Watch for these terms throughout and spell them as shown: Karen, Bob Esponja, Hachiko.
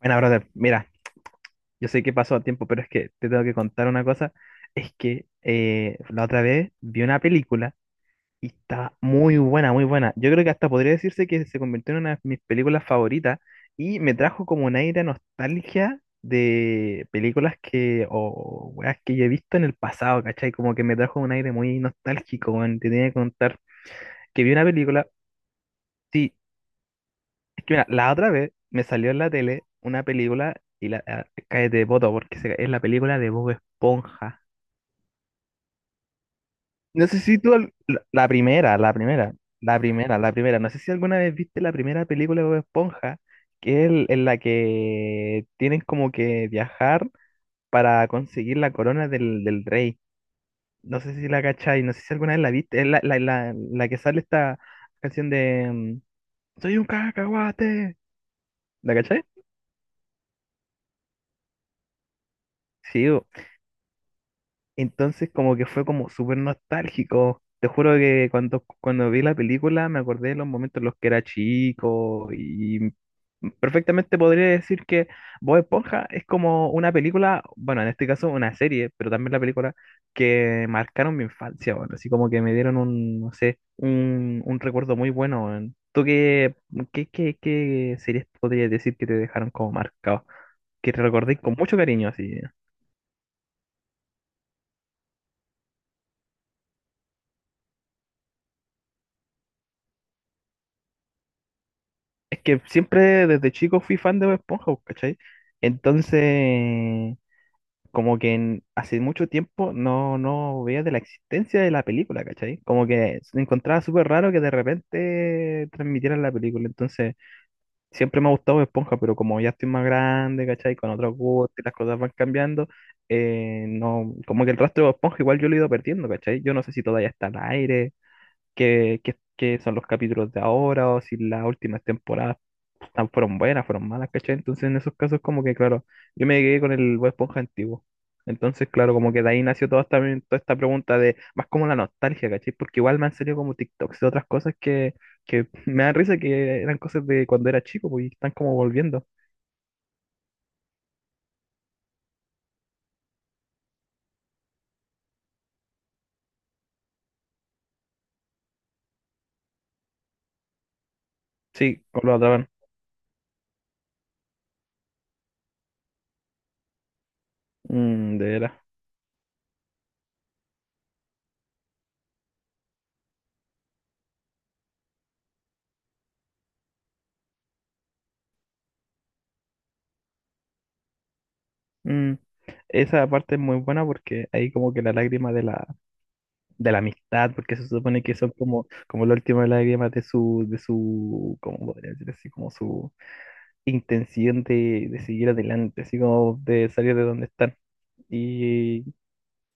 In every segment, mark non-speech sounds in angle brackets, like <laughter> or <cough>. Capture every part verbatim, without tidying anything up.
Bueno, brother, mira, yo sé que pasó tiempo, pero es que te tengo que contar una cosa. Es que eh, la otra vez vi una película y estaba muy buena, muy buena. Yo creo que hasta podría decirse que se convirtió en una de mis películas favoritas y me trajo como un aire de nostalgia de películas que, o weas que yo he visto en el pasado, ¿cachai? Como que me trajo un aire muy nostálgico, weón. Te tenía que contar que vi una película, sí. Es que mira, la otra vez me salió en la tele una película y la ah, cállate de poto porque se- es la película de Bob Esponja. No sé si tú al- la, la primera, la primera, la primera, la primera. No sé si alguna vez viste la primera película de Bob Esponja, que es el- en la que tienen como que viajar para conseguir la corona del, del rey. No sé si la cachai, no sé si alguna vez la viste. Es la, la, la, la que sale esta canción de mm, Soy un cacahuate. ¿La cachai? Sí. Entonces como que fue como súper nostálgico. Te juro que cuando, cuando vi la película me acordé de los momentos en los que era chico y mm, perfectamente podría decir que Bob Esponja es como una película, bueno, en este caso una serie, pero también la película que marcaron mi infancia, bueno, así como que me dieron un, no sé, un, un recuerdo muy bueno, weón. ¿Tú qué, qué, qué, qué series podrías decir que te dejaron como marcado? Que te recordé con mucho cariño así. Es que siempre desde chico fui fan de Bob Esponja, pues, ¿cachai? Entonces, como que en- hace mucho tiempo no, no veía de la existencia de la película, ¿cachai? Como que me encontraba súper raro que de repente transmitieran la película. Entonces, siempre me ha gustado Bob Esponja, pero como ya estoy más grande, ¿cachai? Con otros gustos y las cosas van cambiando, eh, no, como que el rastro de Bob Esponja igual yo lo he ido perdiendo, ¿cachai? Yo no sé si todavía está al aire, qué, qué- qué son los capítulos de ahora o si las últimas temporadas tan- fueron buenas, fueron malas, ¿cachai? Entonces en esos casos como que, claro, yo me quedé con el Bob Esponja antiguo. Entonces, claro, como que de ahí nació toda esta, toda esta pregunta de más como la nostalgia, ¿cachai? Porque igual me han salido como TikToks de otras cosas que, que <laughs> me dan risa que eran cosas de cuando era chico, pues, y están como volviendo. Sí, con los atrapan. Mm, de veras. Mm. Esa parte es muy buena porque ahí como que la lágrima de la, de la amistad, porque se supone que son como, como la última lágrima de su, de su, ¿cómo podría decir así? Como su intención de, de seguir adelante, así como de salir de donde están. Y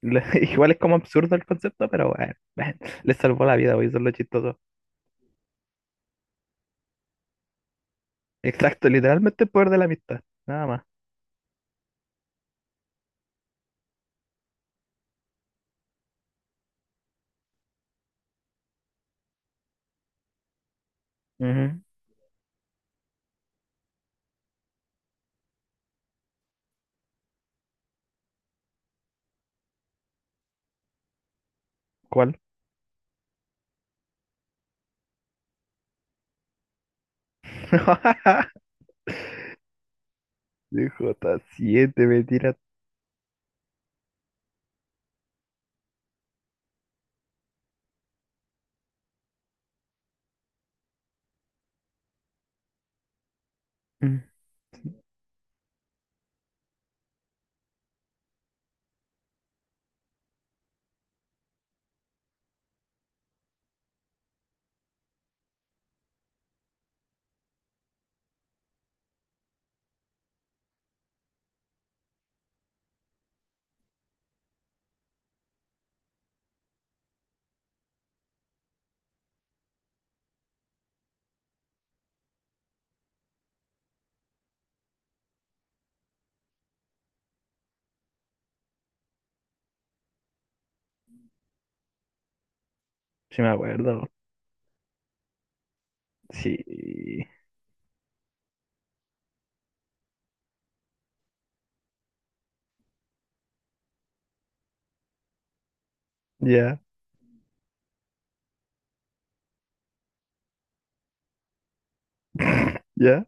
la- <laughs> igual es como absurdo el concepto, pero bueno, bueno, les salvó la vida, hoy son los chistosos. Exacto, literalmente el poder de la amistad, nada más. Ujú. ¿Cuál? <laughs> D J siete me tira. Mm. Sí me acuerdo. Sí. Ya, ya.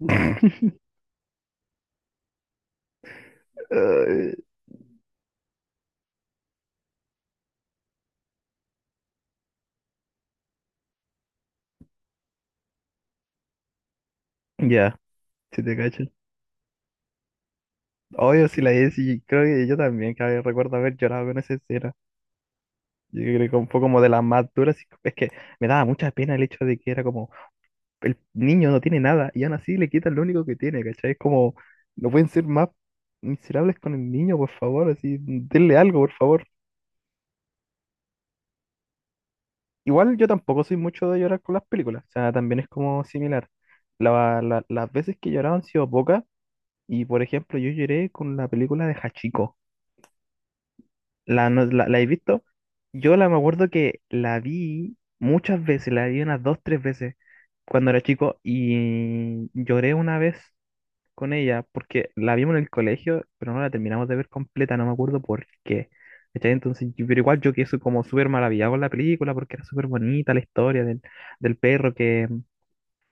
<laughs> Ay. Ya. Si te cacho. Obvio, si la Jessie, creo que yo también, que recuerdo haber llorado con esa escena. Yo creo que fue como de las más duras. Y Es que me daba mucha pena el hecho de que era como, el niño no tiene nada y aún así le quitan lo único que tiene, ¿cachai? Es como, no pueden ser más miserables con el niño, por favor, así, denle algo, por favor. Igual yo tampoco soy mucho de llorar con las películas, o sea, también es como similar. La- la- las veces que he llorado han sido pocas y, por ejemplo, yo lloré con la película de Hachiko. La, no- la, la he visto. Yo la me acuerdo que la vi muchas veces, la vi unas dos, tres veces cuando era chico y lloré una vez con ella porque la vimos en el colegio, pero no la terminamos de ver completa, no me acuerdo por qué. ¿Cachai? Entonces, yo- pero igual yo quedé su- como súper maravillado con la película porque era súper bonita la historia del, del perro que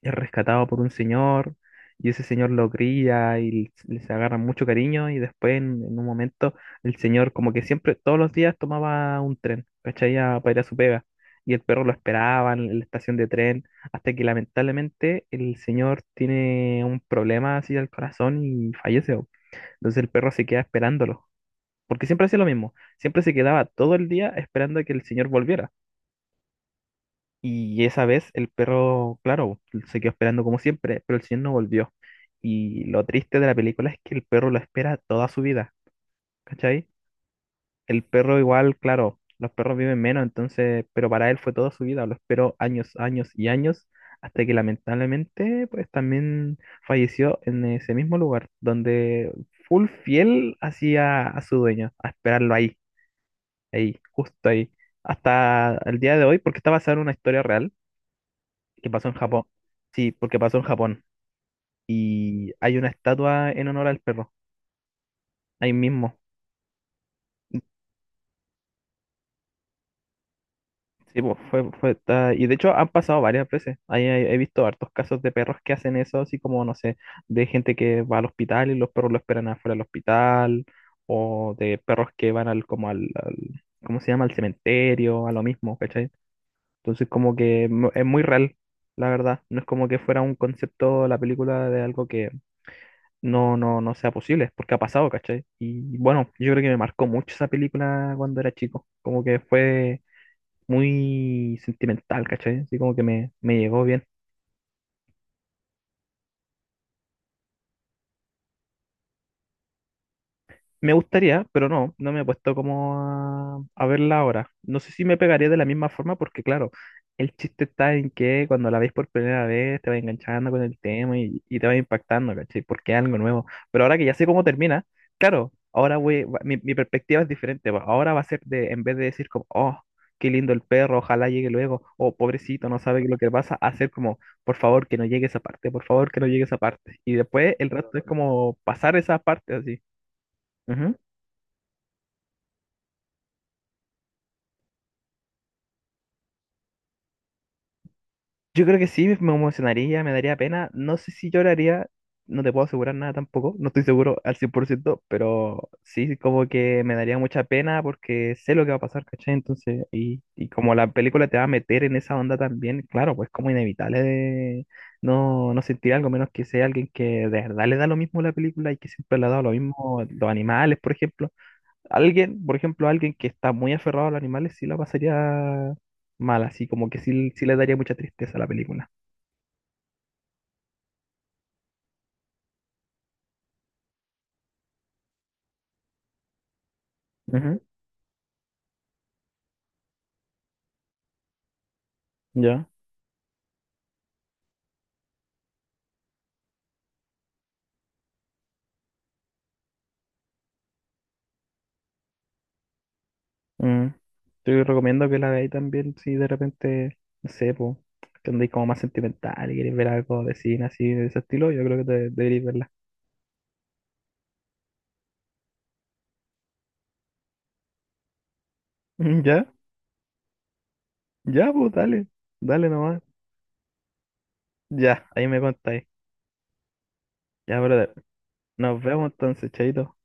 es rescatado por un señor y ese señor lo cría y les agarra mucho cariño y después en, en un momento el señor como que siempre todos los días tomaba un tren, ¿cachai? A- Para ir a su pega y el perro lo esperaba en la estación de tren hasta que lamentablemente el señor tiene un problema así al corazón y fallece, bo. Entonces el perro se queda esperándolo. Porque siempre hacía lo mismo, siempre se quedaba todo el día esperando a que el señor volviera. Y esa vez el perro, claro, se quedó esperando como siempre, pero el señor no volvió. Y lo triste de la película es que el perro lo espera toda su vida, ¿cachai? El perro igual, claro, los perros viven menos, entonces, pero para él fue toda su vida, lo esperó años, años y años, hasta que lamentablemente, pues también falleció en ese mismo lugar, donde full fiel hacía a su dueño, a esperarlo ahí, ahí, justo ahí, hasta el día de hoy, porque está basada en una historia real que pasó en Japón. Sí, porque pasó en Japón. Y hay una estatua en honor al perro, ahí mismo. Sí, pues fue, fue, está- y de hecho han pasado varias veces. Ahí he, he visto hartos casos de perros que hacen eso, así como, no sé, de gente que va al hospital y los perros lo esperan afuera del hospital, o de perros que van al, como al, al- ¿cómo se llama? Al cementerio, a lo mismo, ¿cachai? Entonces como que mu- es muy real, la verdad. No es como que fuera un concepto la película de algo no, no, no sea posible, porque ha pasado, ¿cachai? Y bueno, yo creo que me marcó mucho esa película cuando era chico, como que fue muy sentimental, ¿cachai? Así como que me, me llegó bien. Me gustaría, pero no, no me he puesto como a, a verla ahora. No sé si me pegaría de la misma forma porque, claro, el chiste está en que cuando la veis por primera vez te va enganchando con el tema y, y te va impactando, ¿cachai? Porque es algo nuevo. Pero ahora que ya sé cómo termina, claro, ahora voy, va- mi, mi perspectiva es diferente, va. Ahora va a ser de, en vez de decir como, oh, qué lindo el perro, ojalá llegue luego, o pobrecito, no sabe lo que le pasa, hacer como, por favor, que no llegue esa parte, por favor, que no llegue esa parte. Y después el resto es como pasar esa parte así. Ujú. Yo creo que sí, me emocionaría, me daría pena. No sé si lloraría, no te puedo asegurar nada tampoco, no estoy seguro al cien por ciento, pero sí, como que me daría mucha pena porque sé lo que va a pasar, ¿cachai? Entonces, y, y como la película te va a meter en esa onda también, claro, pues como inevitable de no, no sentir algo, menos que sea alguien que de verdad le da lo mismo la película y que siempre le ha dado lo mismo los animales, por ejemplo. Alguien, por ejemplo, alguien que está muy aferrado a los animales, sí la pasaría mal, así como que sí, sí le daría mucha tristeza a la película. Ujú. Ya. Mm. Te recomiendo que la veáis también si de repente, no sé, pues, que andáis como más sentimental y queréis ver algo de cine así de ese estilo, yo creo que te, deberíais verla. Mm. Ya, ya, pues dale. Dale nomás. Ya, ahí me contáis. Ya, brother. Nos vemos entonces, chaito.